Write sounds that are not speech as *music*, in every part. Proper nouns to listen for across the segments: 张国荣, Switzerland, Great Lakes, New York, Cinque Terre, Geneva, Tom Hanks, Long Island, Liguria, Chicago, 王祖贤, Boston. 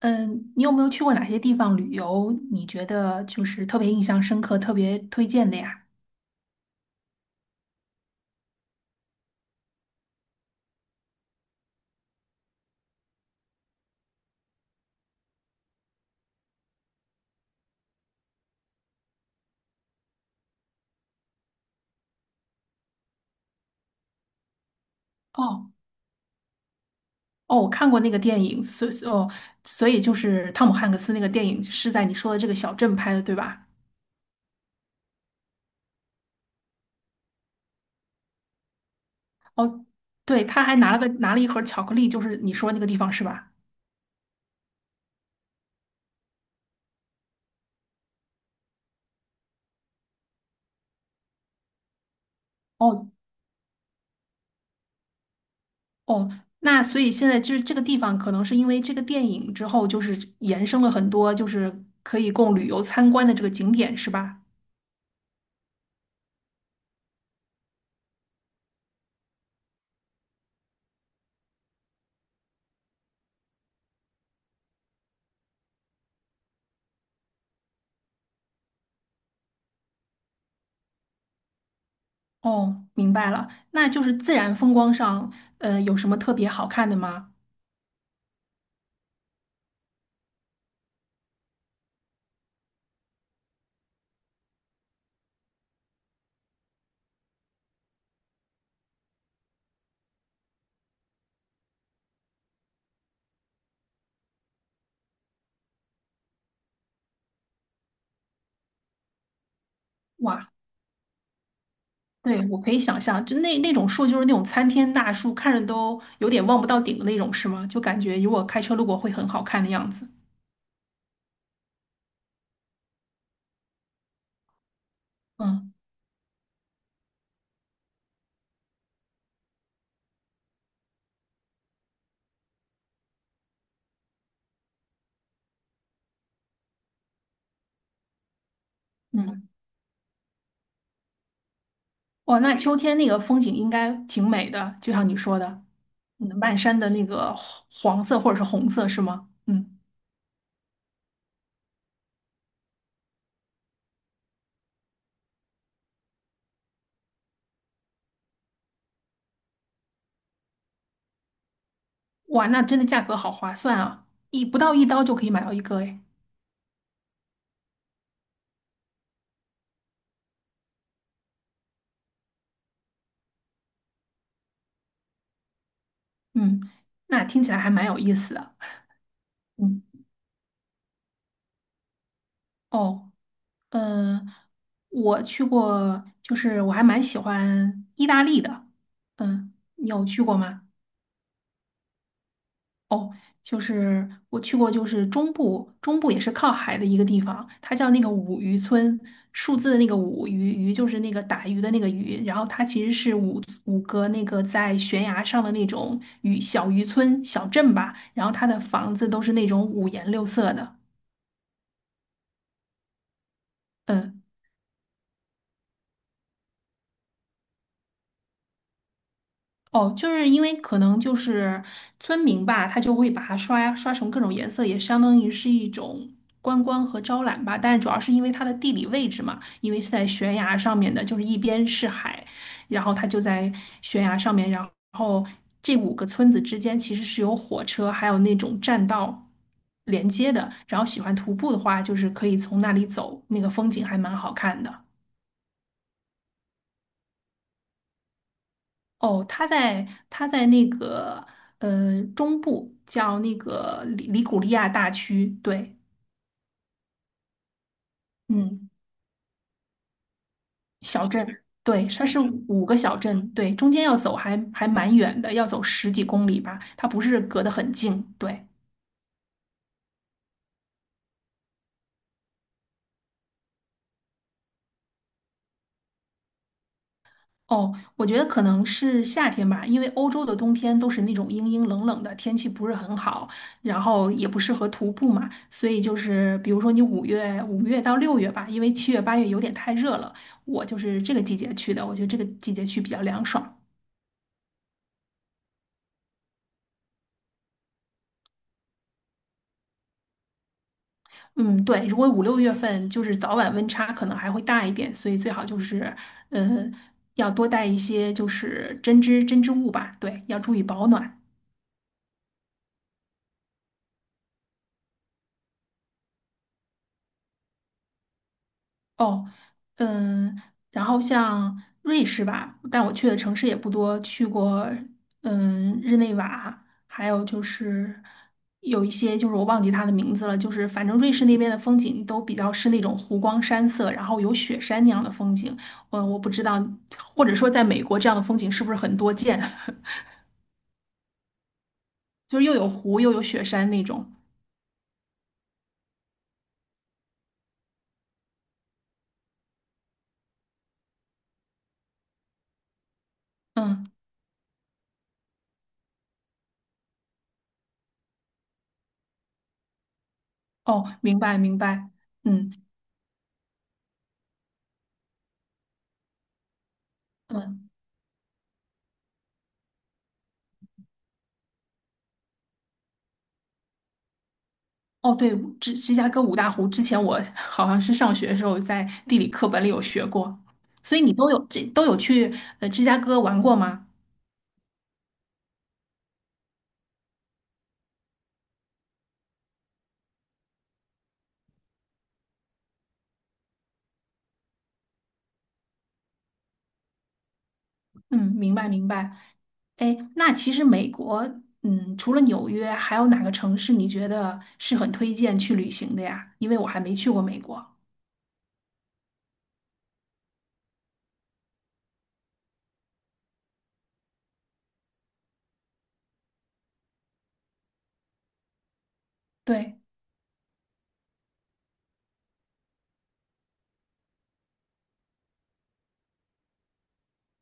嗯，你有没有去过哪些地方旅游？你觉得就是特别印象深刻、特别推荐的呀？哦哦，我看过那个电影，所以就是汤姆汉克斯那个电影是在你说的这个小镇拍的，对吧？哦，对，他还拿了一盒巧克力，就是你说那个地方是吧？哦哦，那所以现在就是这个地方，可能是因为这个电影之后，就是延伸了很多，就是可以供旅游参观的这个景点，是吧？哦，明白了，那就是自然风光上，有什么特别好看的吗？哇，对，我可以想象，就那种树，就是那种参天大树，看着都有点望不到顶的那种，是吗？就感觉如果开车路过会很好看的样子。嗯嗯，哇，那秋天那个风景应该挺美的，就像你说的。嗯，漫山的那个黄色或者是红色，是吗？嗯，哇，那真的价格好划算啊，不到一刀就可以买到一个，哎。嗯，那听起来还蛮有意思的。嗯，哦。嗯，我去过，就是我还蛮喜欢意大利的。嗯，你有去过吗？哦，就是我去过，就是中部，中部也是靠海的一个地方，它叫那个五渔村，数字的那个五鱼，鱼就是那个打鱼的那个鱼，然后它其实是五个那个在悬崖上的那种小渔村小镇吧，然后它的房子都是那种五颜六色的。嗯。哦，就是因为可能就是村民吧，他就会把它刷成各种颜色，也相当于是一种观光和招揽吧。但是主要是因为它的地理位置嘛，因为是在悬崖上面的，就是一边是海，然后它就在悬崖上面，然后这5个村子之间其实是有火车还有那种栈道连接的。然后喜欢徒步的话，就是可以从那里走，那个风景还蛮好看的。哦，它在它在那个，中部，叫那个里古利亚大区，对。嗯，小镇，对，它是5个小镇，对，中间要走还蛮远的，要走十几公里吧，它不是隔得很近，对。哦，我觉得可能是夏天吧，因为欧洲的冬天都是那种阴阴冷冷的，天气不是很好，然后也不适合徒步嘛，所以就是比如说你五月到六月吧，因为7月8月有点太热了，我就是这个季节去的，我觉得这个季节去比较凉爽。嗯，对，如果5、6月份就是早晚温差可能还会大一点，所以最好就是，呃，要多带一些就是针织物吧，对，要注意保暖。哦，嗯，然后像瑞士吧，但我去的城市也不多，去过嗯日内瓦，还有就是有一些就是我忘记它的名字了，就是反正瑞士那边的风景都比较是那种湖光山色，然后有雪山那样的风景。我不知道，或者说在美国这样的风景是不是很多见。*laughs* 就是又有湖又有雪山那种。嗯，哦，明白明白。嗯。嗯。哦，对，芝加哥五大湖，之前我 *laughs* 好像是上学的时候在地理课本里有学过，所以你都有去芝加哥玩过吗？嗯，明白明白。哎，那其实美国，嗯，除了纽约，还有哪个城市你觉得是很推荐去旅行的呀？因为我还没去过美国。对，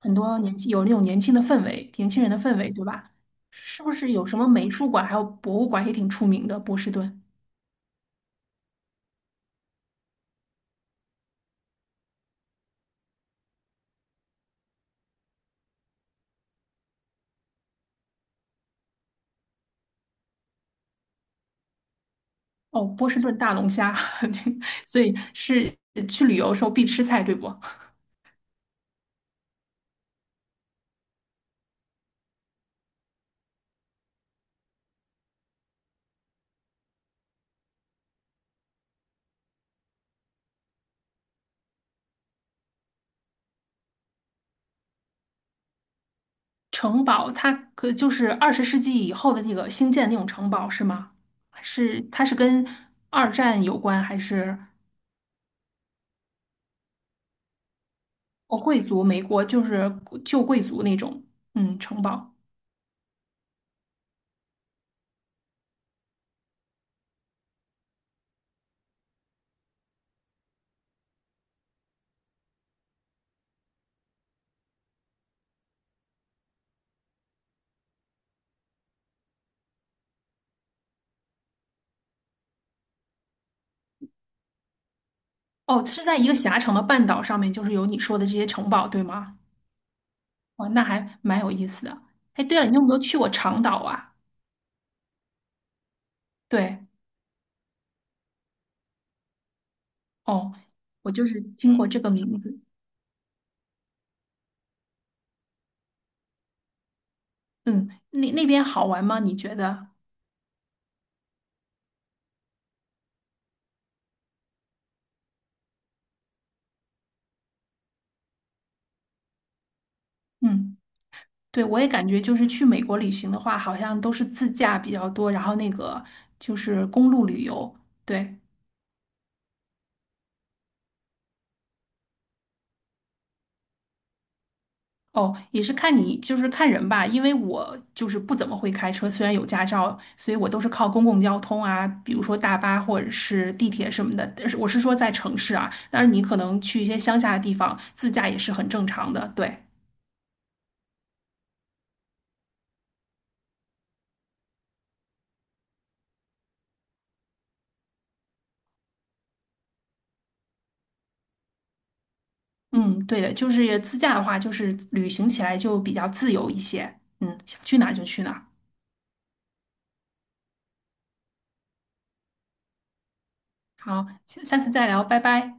很多年轻有那种年轻的氛围，年轻人的氛围，对吧？是不是有什么美术馆还有博物馆也挺出名的？波士顿。哦，波士顿大龙虾。*laughs* 所以是去旅游的时候必吃菜，对不？城堡它可就是20世纪以后的那个新建那种城堡是吗？是，它是跟二战有关，还是哦贵族美国就是旧贵族那种嗯城堡？哦，是在一个狭长的半岛上面，就是有你说的这些城堡，对吗？哦，那还蛮有意思的。哎，对了，你有没有去过长岛啊？对，哦，我就是听过这个名字。嗯，那那边好玩吗？你觉得？嗯。对，我也感觉就是去美国旅行的话，好像都是自驾比较多，然后那个就是公路旅游。对。哦，也是看你就是看人吧，因为我就是不怎么会开车，虽然有驾照，所以我都是靠公共交通啊，比如说大巴或者是地铁什么的。但是我是说在城市啊，但是你可能去一些乡下的地方自驾也是很正常的。对。嗯，对的，就是自驾的话，就是旅行起来就比较自由一些。嗯，想去哪儿就去哪儿。好，下次再聊，拜拜。